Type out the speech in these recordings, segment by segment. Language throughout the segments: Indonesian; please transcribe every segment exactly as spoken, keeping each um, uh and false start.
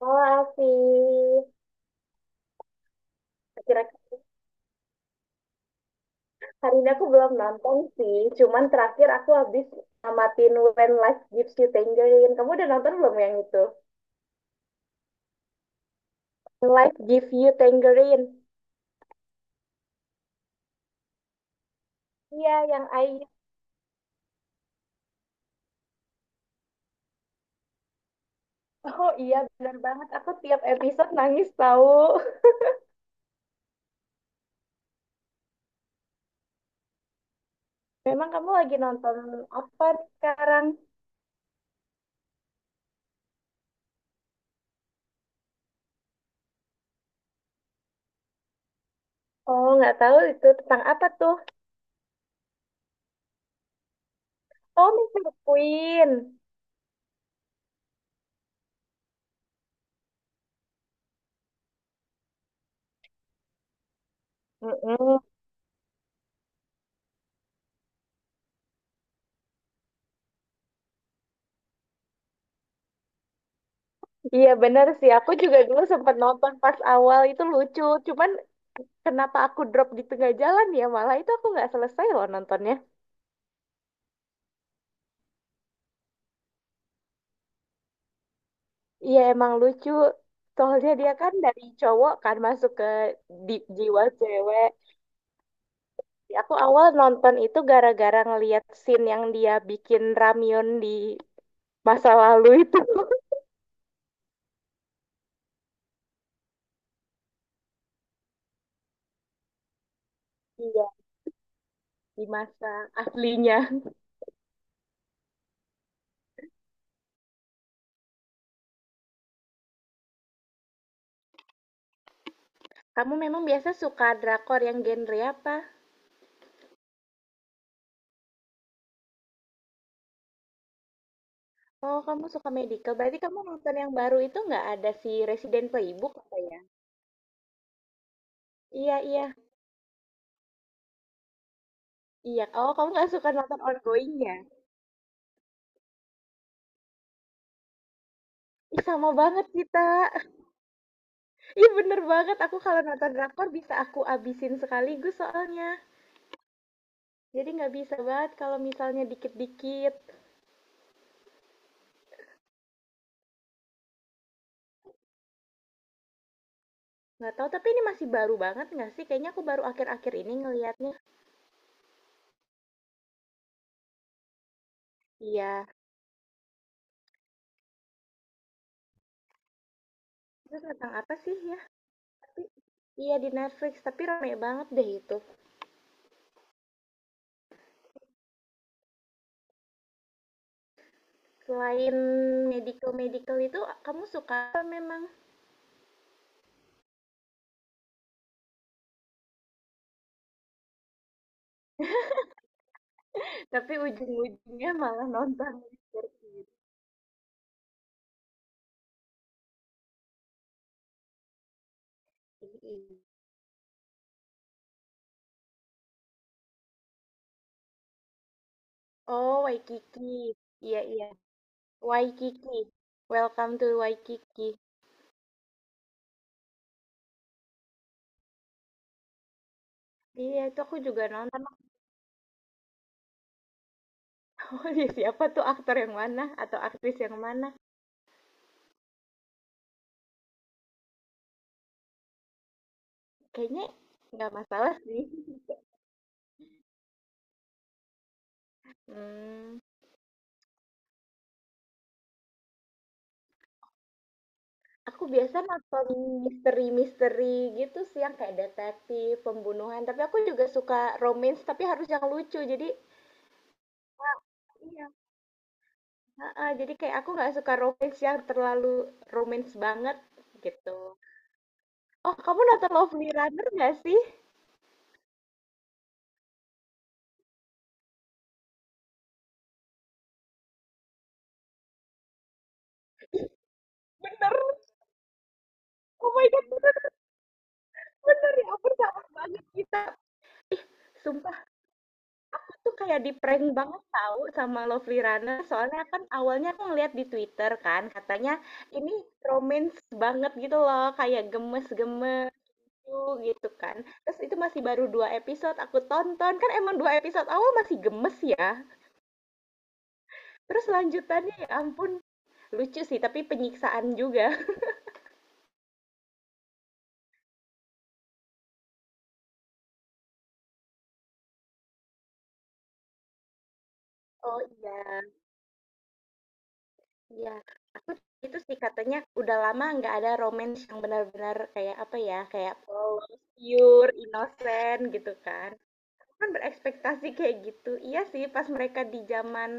Oh, Alfi. Kira-kira hari ini aku belum nonton sih. Cuman terakhir aku habis amatin When Life Gives You Tangerine. Kamu udah nonton belum yang itu? When Life Gives You Tangerine. Iya, yang Ayu. Oh iya, bener banget. Aku tiap episode nangis tahu. Memang kamu lagi nonton apa sekarang? Oh, nggak tahu itu tentang apa tuh? Oh, Mister Queen. Mm-mm. Iya benar sih, aku juga dulu sempat nonton pas awal itu lucu, cuman kenapa aku drop di tengah jalan ya? Malah itu aku nggak selesai loh nontonnya. Iya emang lucu. Soalnya dia kan dari cowok kan masuk ke di- jiwa cewek. Aku awal nonton itu gara-gara ngeliat scene yang dia bikin ramyun di masa lalu itu. Iya, di masa aslinya. Kamu memang biasa suka drakor yang genre apa? Oh, kamu suka medical. Berarti kamu nonton yang baru itu nggak ada si Resident Playbook apa ya? Iya, iya. Iya. Oh, kamu nggak suka nonton ongoing-nya? Ih, sama banget kita. Ih, bener banget. Aku kalau nonton drakor bisa aku abisin sekaligus soalnya. Jadi nggak bisa banget kalau misalnya dikit-dikit. Nggak tahu, tapi ini masih baru banget nggak sih? Kayaknya aku baru akhir-akhir ini ngelihatnya. Iya. Itu tentang apa sih ya? Tapi- Iya di Netflix, tapi rame banget deh itu. Selain medical-medical itu, kamu suka apa memang? Tapi ujung-ujungnya malah nonton. Waikiki. Oh, Waikiki. Iya, iya. Waikiki, Welcome to Waikiki. Iya, itu aku juga nonton. Oh iya siapa tuh aktor yang mana atau aktris yang mana? Kayaknya nggak masalah sih. Hmm, aku biasa nonton misteri-misteri gitu sih yang kayak detektif, pembunuhan. Tapi aku juga suka romance, tapi harus yang lucu. Jadi iya, heeh, jadi kayak aku nggak suka romance yang terlalu romance banget gitu. Oh, kamu nonton Lovely Runner nggak sih? Bener. Oh my God, bener ya ampun sama banget kita. Sumpah aku tuh kayak di-prank banget tahu sama Lovely Runner soalnya kan awalnya aku ngeliat di Twitter kan katanya ini romance banget gitu loh kayak gemes-gemes tuh gitu kan. Terus itu masih baru dua episode aku tonton kan emang dua episode awal masih gemes ya. Terus lanjutannya ya ampun lucu sih tapi penyiksaan juga. Oh iya. Iya, aku itu sih katanya udah lama nggak ada romance yang benar-benar kayak apa ya, kayak polos, pure, innocent gitu kan. Aku kan berekspektasi kayak gitu. Iya sih, pas mereka di zaman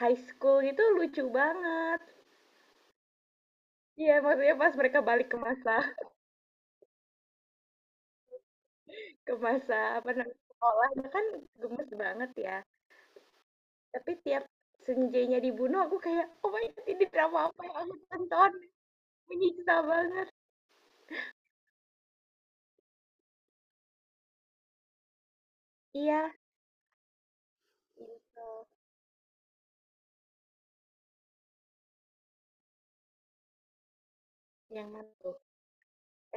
high school gitu lucu banget. Iya, maksudnya pas mereka balik ke masa ke masa apa namanya sekolah itu kan gemes banget ya. Tapi tiap Senjanya dibunuh aku kayak oh my god ini drama apa yang aku tonton menyiksa banget. Iya, itu yang mana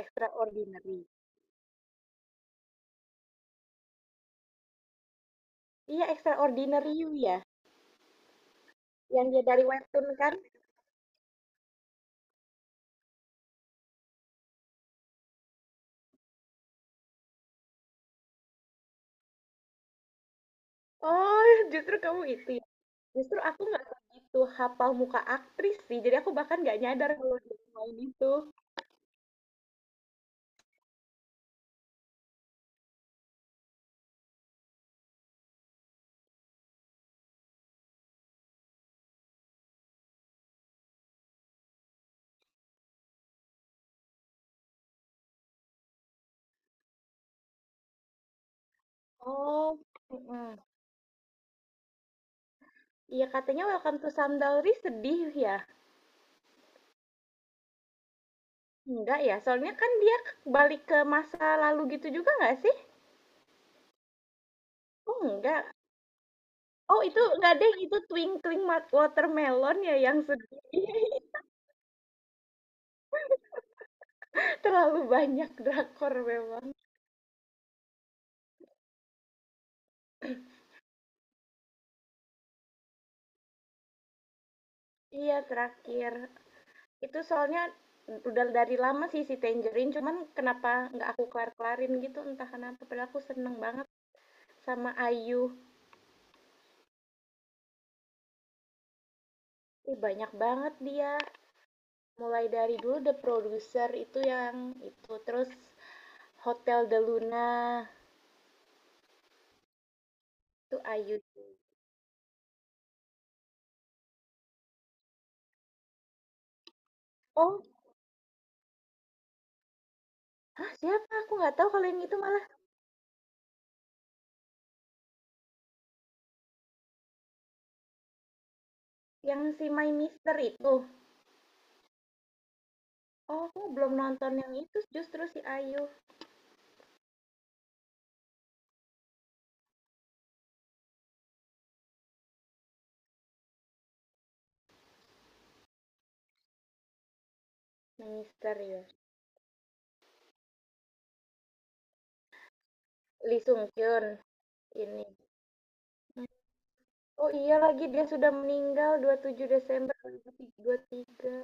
Extraordinary. Iya, Extraordinary You ya? Yang dia dari webtoon kan? Oh, justru kamu itu ya? Justru aku nggak begitu hafal muka aktris sih, jadi aku bahkan nggak nyadar kalau dia main itu. Oh, mm-mm. Iya katanya Welcome to Sandalri sedih ya? Enggak ya, soalnya kan dia balik ke masa lalu gitu juga nggak sih? Oh enggak. Oh itu enggak deh, itu Twinkling Mat- Watermelon ya yang sedih. Terlalu banyak drakor memang. Iya terakhir. Itu soalnya udah dari lama sih si Tangerine, cuman kenapa nggak aku kelar-kelarin gitu entah kenapa. Padahal aku seneng banget sama Ayu. Ih, banyak banget dia. Mulai dari dulu The Producer itu yang itu, terus Hotel de Luna itu Ayu. Oh, ah siapa? Aku nggak tahu kalau yang itu malah yang si My Mister itu. Oh, aku belum nonton yang itu justru si Ayu. My Mister ya. Lee Sung Kyun ini. Oh iya lagi dia sudah meninggal dua puluh tujuh Desember dua ribu dua puluh tiga.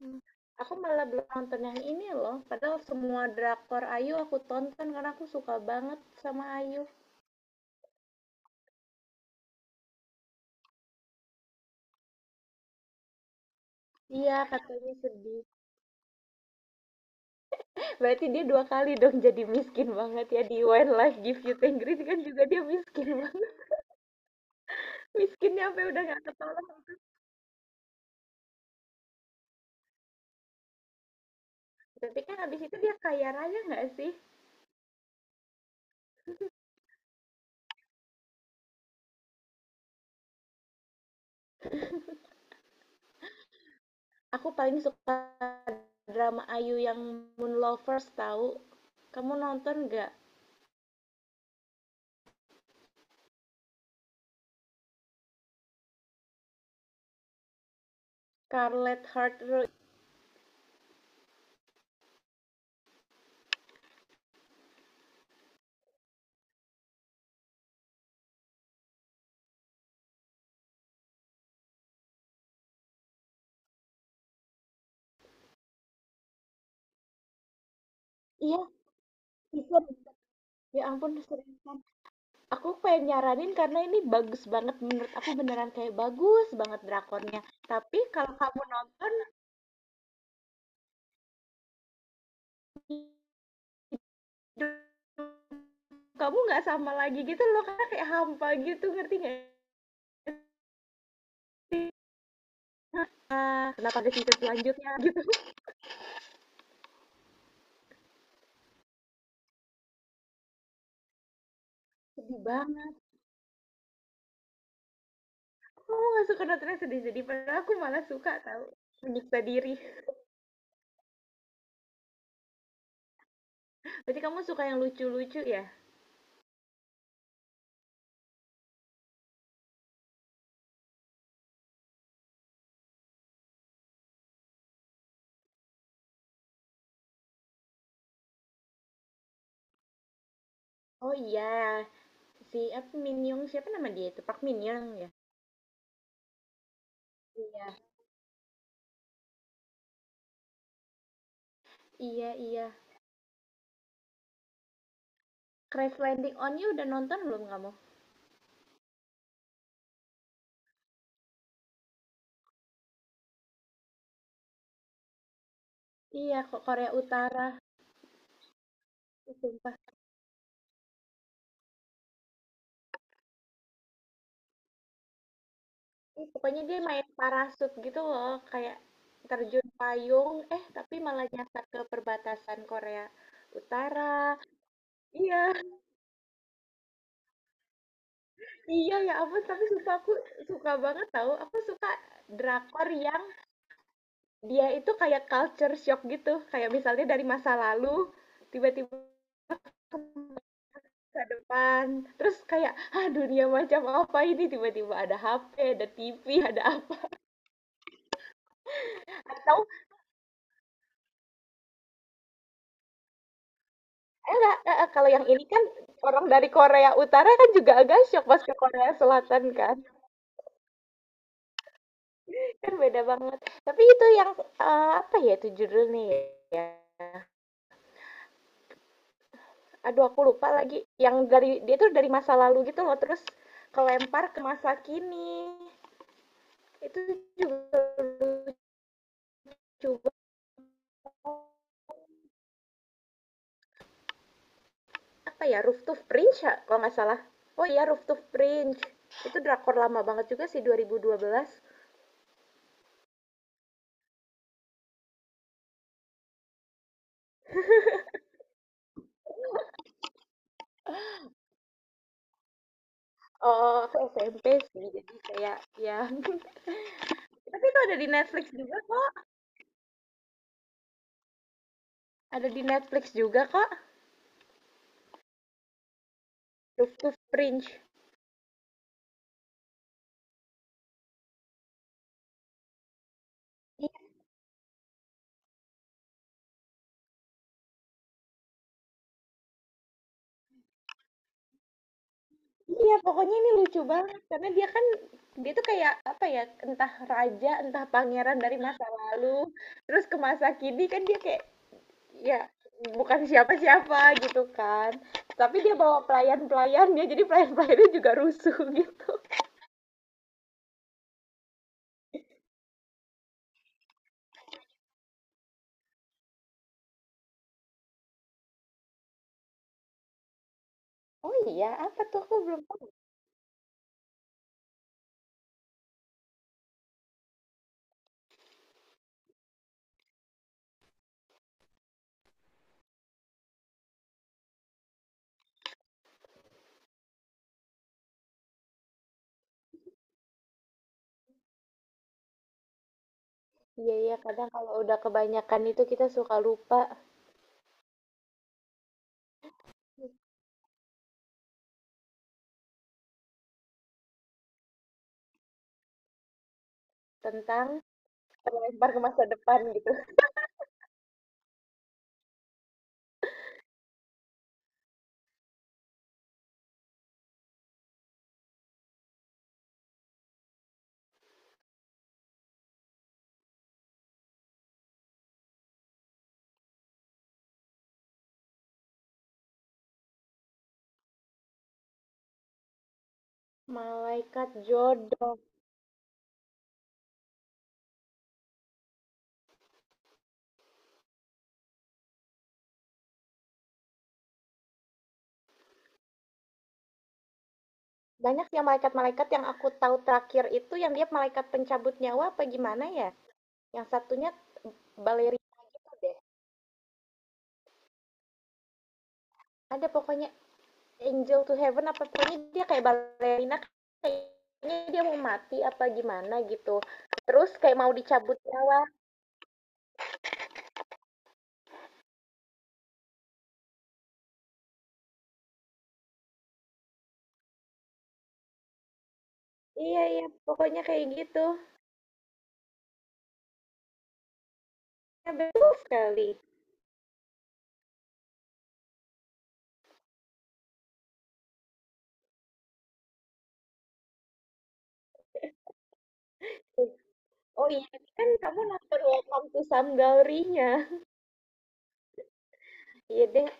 Hmm. Aku malah belum nonton yang ini loh. Padahal semua drakor Ayu aku tonton karena aku suka banget sama Ayu. Iya, katanya sedih. Berarti dia dua kali dong jadi miskin banget ya di When Life Gives You Tangerine kan juga dia miskin banget. Miskinnya sampai udah nggak ketolong. Tapi kan habis itu dia kaya raya nggak sih? Aku paling suka drama Ayu yang Moon Lovers tahu. Kamu nonton nggak? Scarlet Heart Road. Iya, season. Ya ampun, seriusan. Aku pengen nyaranin karena ini bagus banget menurut aku beneran kayak bagus banget drakornya. Tapi kalau kamu nonton, dr- kamu nggak sama lagi gitu loh karena kayak hampa gitu, ngerti nggak sih? Ah, kenapa ada season selanjutnya gitu? Sedih banget. Kamu nggak suka nonton yang sedih-sedih, padahal aku malah suka tahu menyiksa diri. Berarti kamu suka yang lucu-lucu ya? Oh iya, si apa Min Young siapa nama dia itu? Park Min Young ya? Iya, iya iya. Crash Landing on You udah nonton belum kamu? Iya, kok Korea Utara. Ih, sumpah. Ih, pokoknya dia main parasut gitu loh, kayak terjun payung, eh tapi malah nyasar ke perbatasan Korea Utara. Iya, iya ya ampun, tapi sumpah aku suka banget tahu. Aku suka drakor yang dia itu kayak culture shock gitu, kayak misalnya dari masa lalu tiba-tiba ke depan. Terus kayak, ah dunia macam apa ini? Tiba-tiba ada ha pe, ada ti vi, ada apa. Tahu, eh, nggak, eh, eh, kalau yang ini kan orang dari Korea Utara kan juga agak shock pas ke Korea Selatan kan. Kan beda banget. Tapi itu yang, eh, apa ya itu judulnya ya? Aduh aku lupa lagi. Yang dari, dia tuh dari masa lalu gitu loh. Terus kelempar ke masa kini. Itu juga lucu banget. Apa ya, Roof to Fringe ya kalau nggak salah. Oh iya Roof to Fringe itu drakor lama banget juga sih dua ribu dua belas. Oh oh, oh, aku es em pe sih jadi kayak ya. Tapi itu ada di Netflix juga kok, ada di Netflix juga kok. Roof to Fringe. Iya, iya, pokoknya ini lucu banget karena dia kan dia tuh kayak apa ya entah raja entah pangeran dari masa lalu terus ke masa kini kan dia kayak ya bukan siapa-siapa gitu kan. Tapi dia bawa pelayan-pelayannya, jadi pelayan-pelayannya juga rusuh gitu. Oh iya, apa tuh aku belum tahu. Iya iya, kadang kalau udah kebanyakan itu kita suka lupa tentang terlempar ke masa depan gitu. Malaikat jodoh. Banyak sih yang malaikat-malaikat yang aku tahu terakhir itu yang dia malaikat pencabut nyawa apa gimana ya? Yang satunya balerina deh. Ada pokoknya Angel to Heaven apa pokoknya dia kayak balerina. Ini dia mau mati apa gimana gitu. Terus kayak mau dicabut nyawa. Iya iya, pokoknya kayak gitu. Ya, betul sekali. Eh, oh iya, kan kamu nonton Welcome to Some Gallery-nya. Iya deh,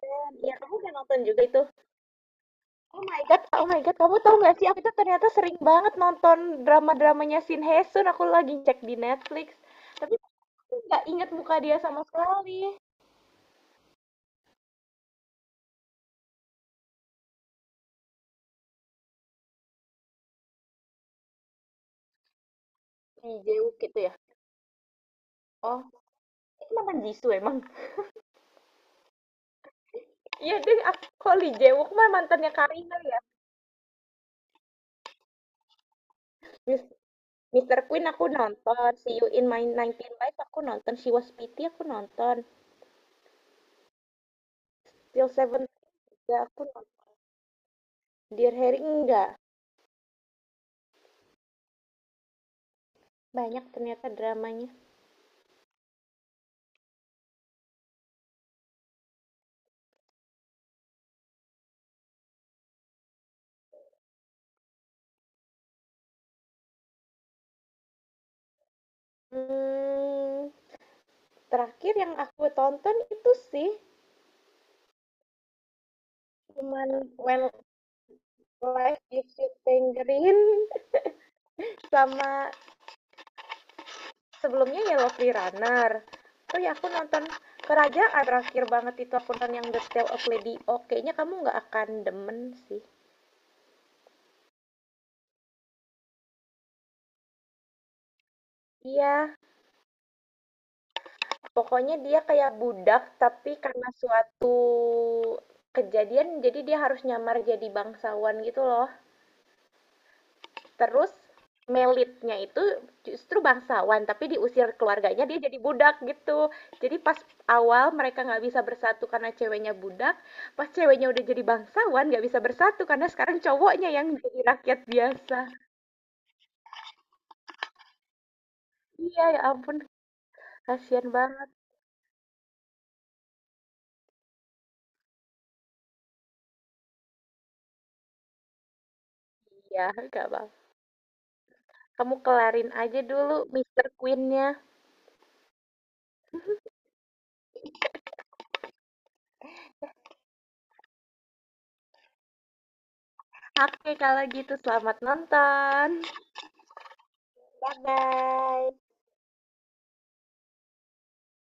keren. Iya, kamu udah nonton juga itu. Oh my god, oh my god, kamu tahu nggak sih aku tuh ternyata sering banget nonton drama-dramanya Shin Hye Sun. Aku lagi cek di Netflix. Tapi aku nggak ingat muka dia sama sekali. Lee Jae-wook gitu ya. Oh, itu mantan Jisoo emang. Iya deh, aku kok Lee Jae-wook mah mantannya Karina ya. Mis Mister Queen aku nonton, See You in My Nineteen Life aku nonton, She Was Pretty aku nonton, Till Seven juga aku nonton, Dear Harry enggak. Banyak ternyata dramanya. Hmm, terakhir yang aku tonton itu sih cuman When Life Gives You Tangerine sama sebelumnya Yellow Free Runner. Oh ya aku nonton Kerajaan terakhir banget itu aku nonton yang The Tale of Lady O. Kayaknya kamu nggak akan demen sih. Iya, pokoknya dia kayak budak, tapi karena suatu kejadian jadi dia harus nyamar jadi bangsawan gitu loh. Terus Melitnya itu justru bangsawan, tapi diusir keluarganya dia jadi budak gitu. Jadi pas awal mereka nggak bisa bersatu karena ceweknya budak, pas ceweknya udah jadi bangsawan nggak bisa bersatu karena sekarang cowoknya yang jadi rakyat biasa. Iya ya ampun, kasihan banget. Iya, nggak apa. Kamu kelarin aja dulu Mister Queen-nya. Oke, kalau gitu selamat nonton. Bye-bye.